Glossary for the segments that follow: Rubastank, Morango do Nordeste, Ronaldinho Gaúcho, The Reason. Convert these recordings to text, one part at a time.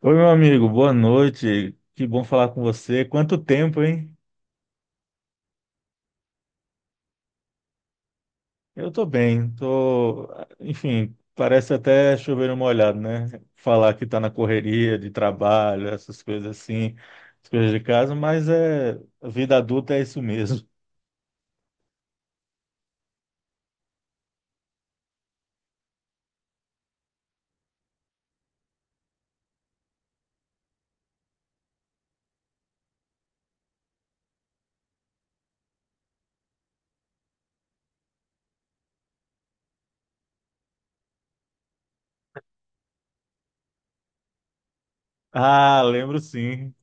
Oi, meu amigo, boa noite. Que bom falar com você. Quanto tempo, hein? Eu tô bem, tô, enfim, parece até chover no molhado, né? Falar que tá na correria de trabalho, essas coisas assim, as coisas de casa, mas é a vida adulta é isso mesmo. Ah, lembro sim.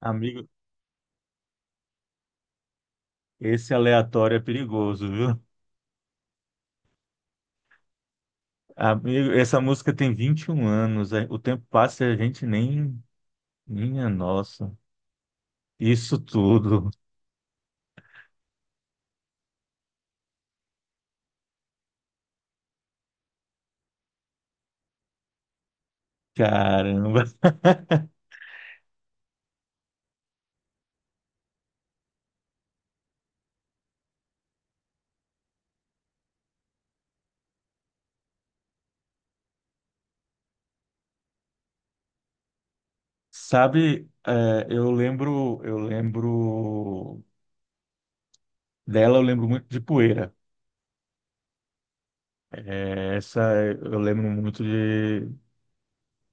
Amigo, esse aleatório é perigoso, viu? Amigo, essa música tem 21 anos, o tempo passa e a gente nem, minha nossa, isso tudo. Caramba. Sabe, eu lembro dela, eu lembro muito de Poeira. É, essa eu lembro muito de,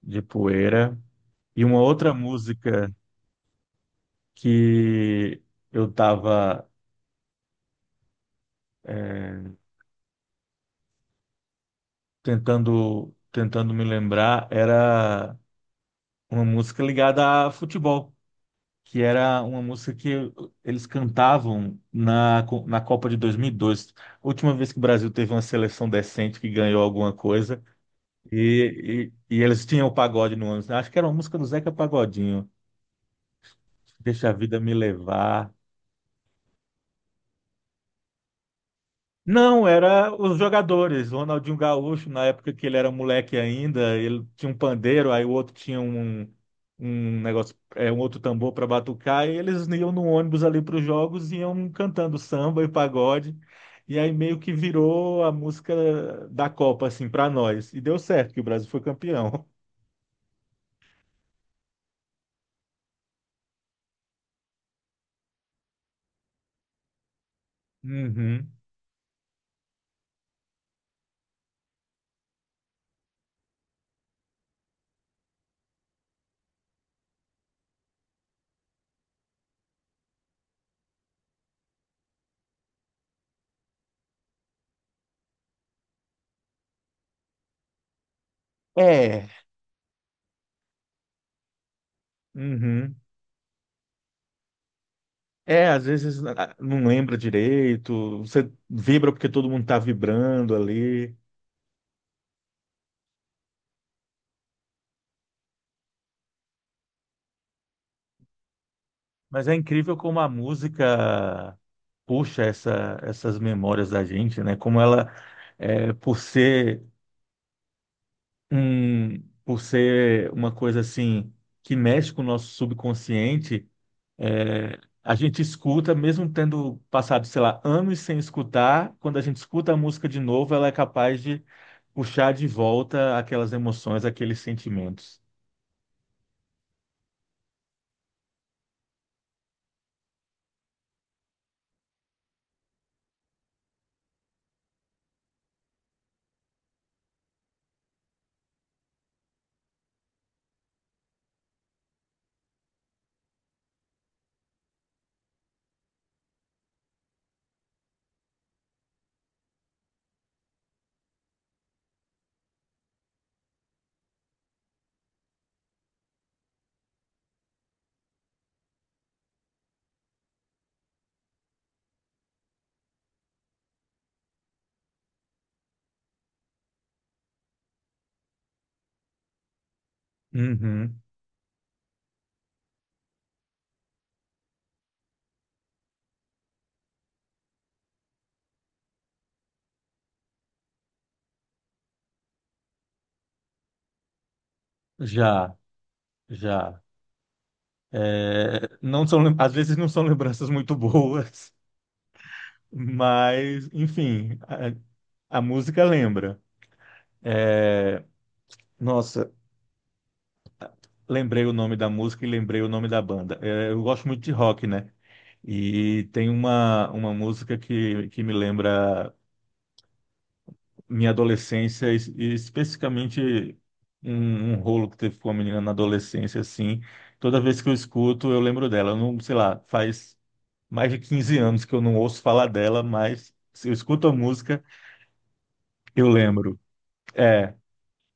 de Poeira. E uma outra música que eu tava, é, tentando me lembrar era uma música ligada a futebol, que era uma música que eles cantavam na Copa de 2002. A última vez que o Brasil teve uma seleção decente que ganhou alguma coisa. E eles tinham o pagode no ônibus, né? Acho que era uma música do Zeca Pagodinho. Deixa a vida me levar. Não, era os jogadores. Ronaldinho Gaúcho, na época que ele era moleque ainda, ele tinha um pandeiro, aí o outro tinha um negócio, um outro tambor para batucar, e eles iam no ônibus ali para os jogos e iam cantando samba e pagode. E aí meio que virou a música da Copa, assim, para nós. E deu certo, que o Brasil foi campeão. Uhum. É. Uhum. É, às vezes não lembra direito, você vibra porque todo mundo tá vibrando ali. Mas é incrível como a música puxa essas memórias da gente, né? Como ela, por ser um, por ser uma coisa assim que mexe com o nosso subconsciente. A gente escuta, mesmo tendo passado, sei lá, anos sem escutar, quando a gente escuta a música de novo, ela é capaz de puxar de volta aquelas emoções, aqueles sentimentos. Uhum. Já, já. É, não são, às vezes não são lembranças muito boas, mas, enfim, a música lembra. É, nossa. Lembrei o nome da música e lembrei o nome da banda. É, eu gosto muito de rock, né? E tem uma música que me lembra minha adolescência, e especificamente um rolo que teve com uma menina na adolescência, assim. Toda vez que eu escuto, eu lembro dela. Eu não, sei lá, faz mais de 15 anos que eu não ouço falar dela, mas se eu escuto a música, eu lembro. É,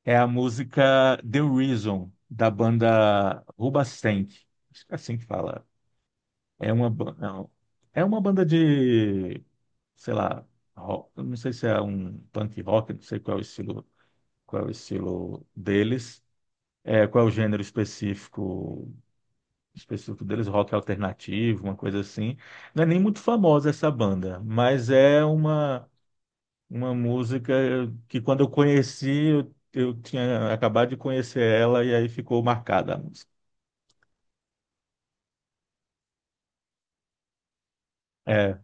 é a música The Reason, da banda Rubastank. Acho que é assim que fala. É uma, não, é uma banda de, sei lá, rock. Eu não sei se é um punk rock, não sei qual é o estilo deles, qual é o gênero específico deles, rock alternativo, uma coisa assim. Não é nem muito famosa essa banda, mas é uma música que quando eu conheci, eu tinha acabado de conhecer ela e aí ficou marcada a música. É,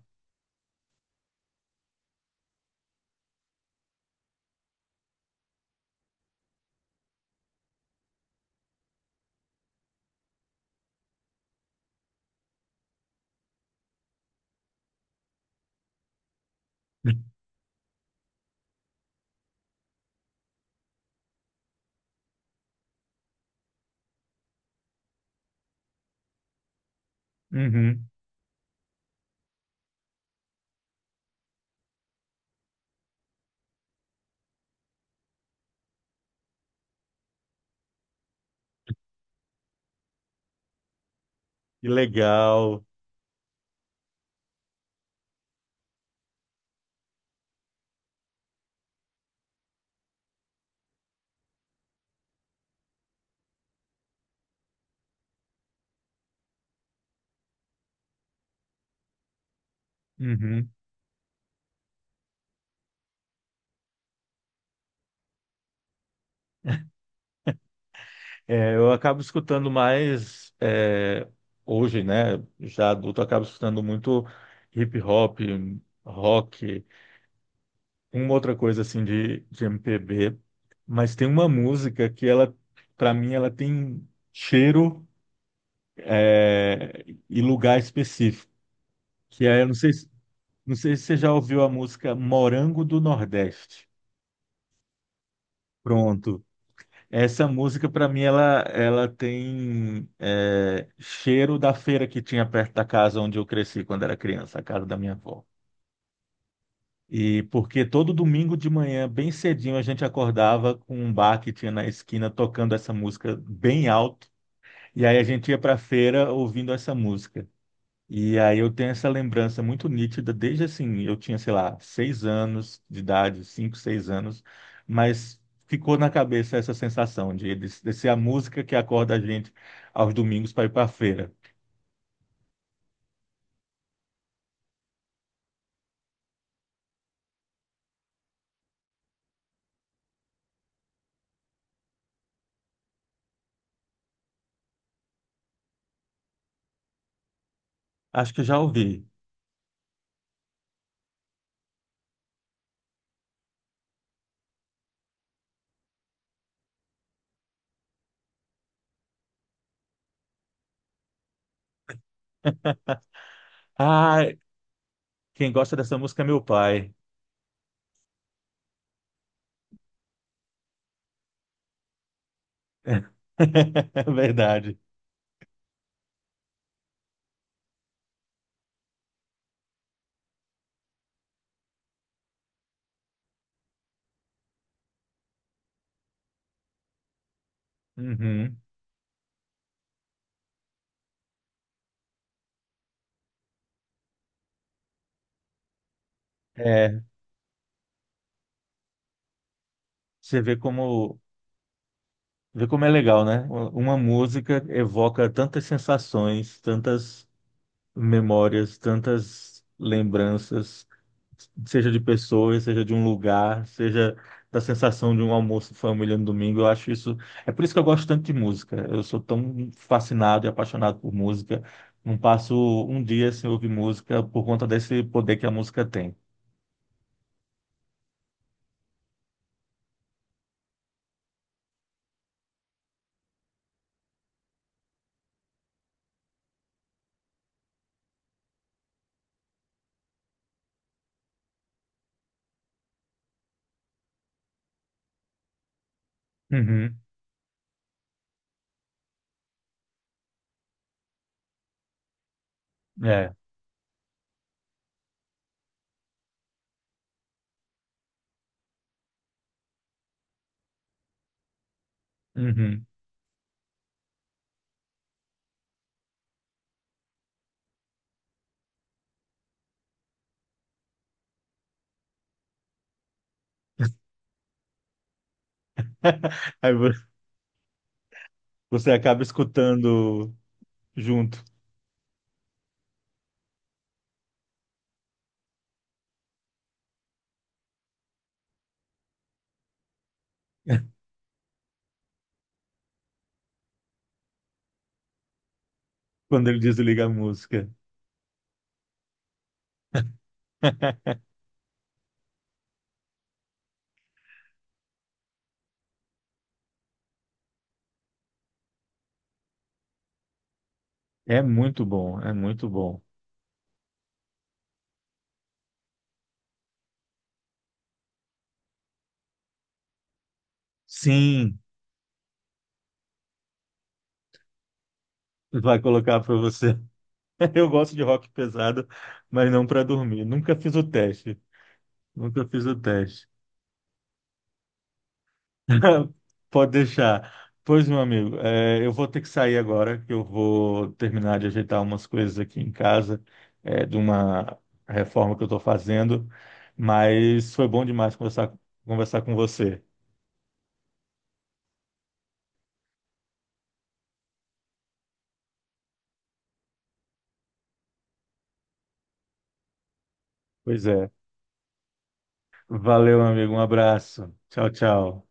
uhum, que legal. Uhum. É, eu acabo escutando mais hoje, né? Já adulto, eu acabo escutando muito hip hop, rock, uma outra coisa assim de MPB. Mas tem uma música que ela, para mim, ela tem cheiro é, e lugar específico. Que é, eu não sei, não sei se você já ouviu a música Morango do Nordeste. Pronto. Essa música, para mim, ela tem cheiro da feira que tinha perto da casa onde eu cresci quando era criança, a casa da minha avó. E porque todo domingo de manhã, bem cedinho, a gente acordava com um bar que tinha na esquina tocando essa música bem alto. E aí a gente ia para a feira ouvindo essa música. E aí eu tenho essa lembrança muito nítida, desde assim, eu tinha, sei lá, seis anos de idade, cinco, seis anos, mas ficou na cabeça essa sensação de ser a música que acorda a gente aos domingos para ir para a feira. Acho que eu já ouvi. Ah, quem gosta dessa música é meu pai. É verdade. Uhum. É, você vê como, vê como é legal, né? Uma música evoca tantas sensações, tantas memórias, tantas lembranças, seja de pessoas, seja de um lugar, seja da sensação de um almoço em família no domingo. Eu acho isso. É por isso que eu gosto tanto de música. Eu sou tão fascinado e apaixonado por música. Não passo um dia sem ouvir música por conta desse poder que a música tem. Uhum. É. Uhum. Aí você acaba escutando junto quando ele desliga a música. É muito bom, é muito bom. Sim. Vai colocar para você. Eu gosto de rock pesado, mas não para dormir. Nunca fiz o teste. Nunca fiz o teste. Pode deixar. Pois, meu amigo, eu vou ter que sair agora, que eu vou terminar de ajeitar umas coisas aqui em casa, de uma reforma que eu estou fazendo. Mas foi bom demais conversar, com você. Pois é. Valeu, amigo. Um abraço. Tchau, tchau.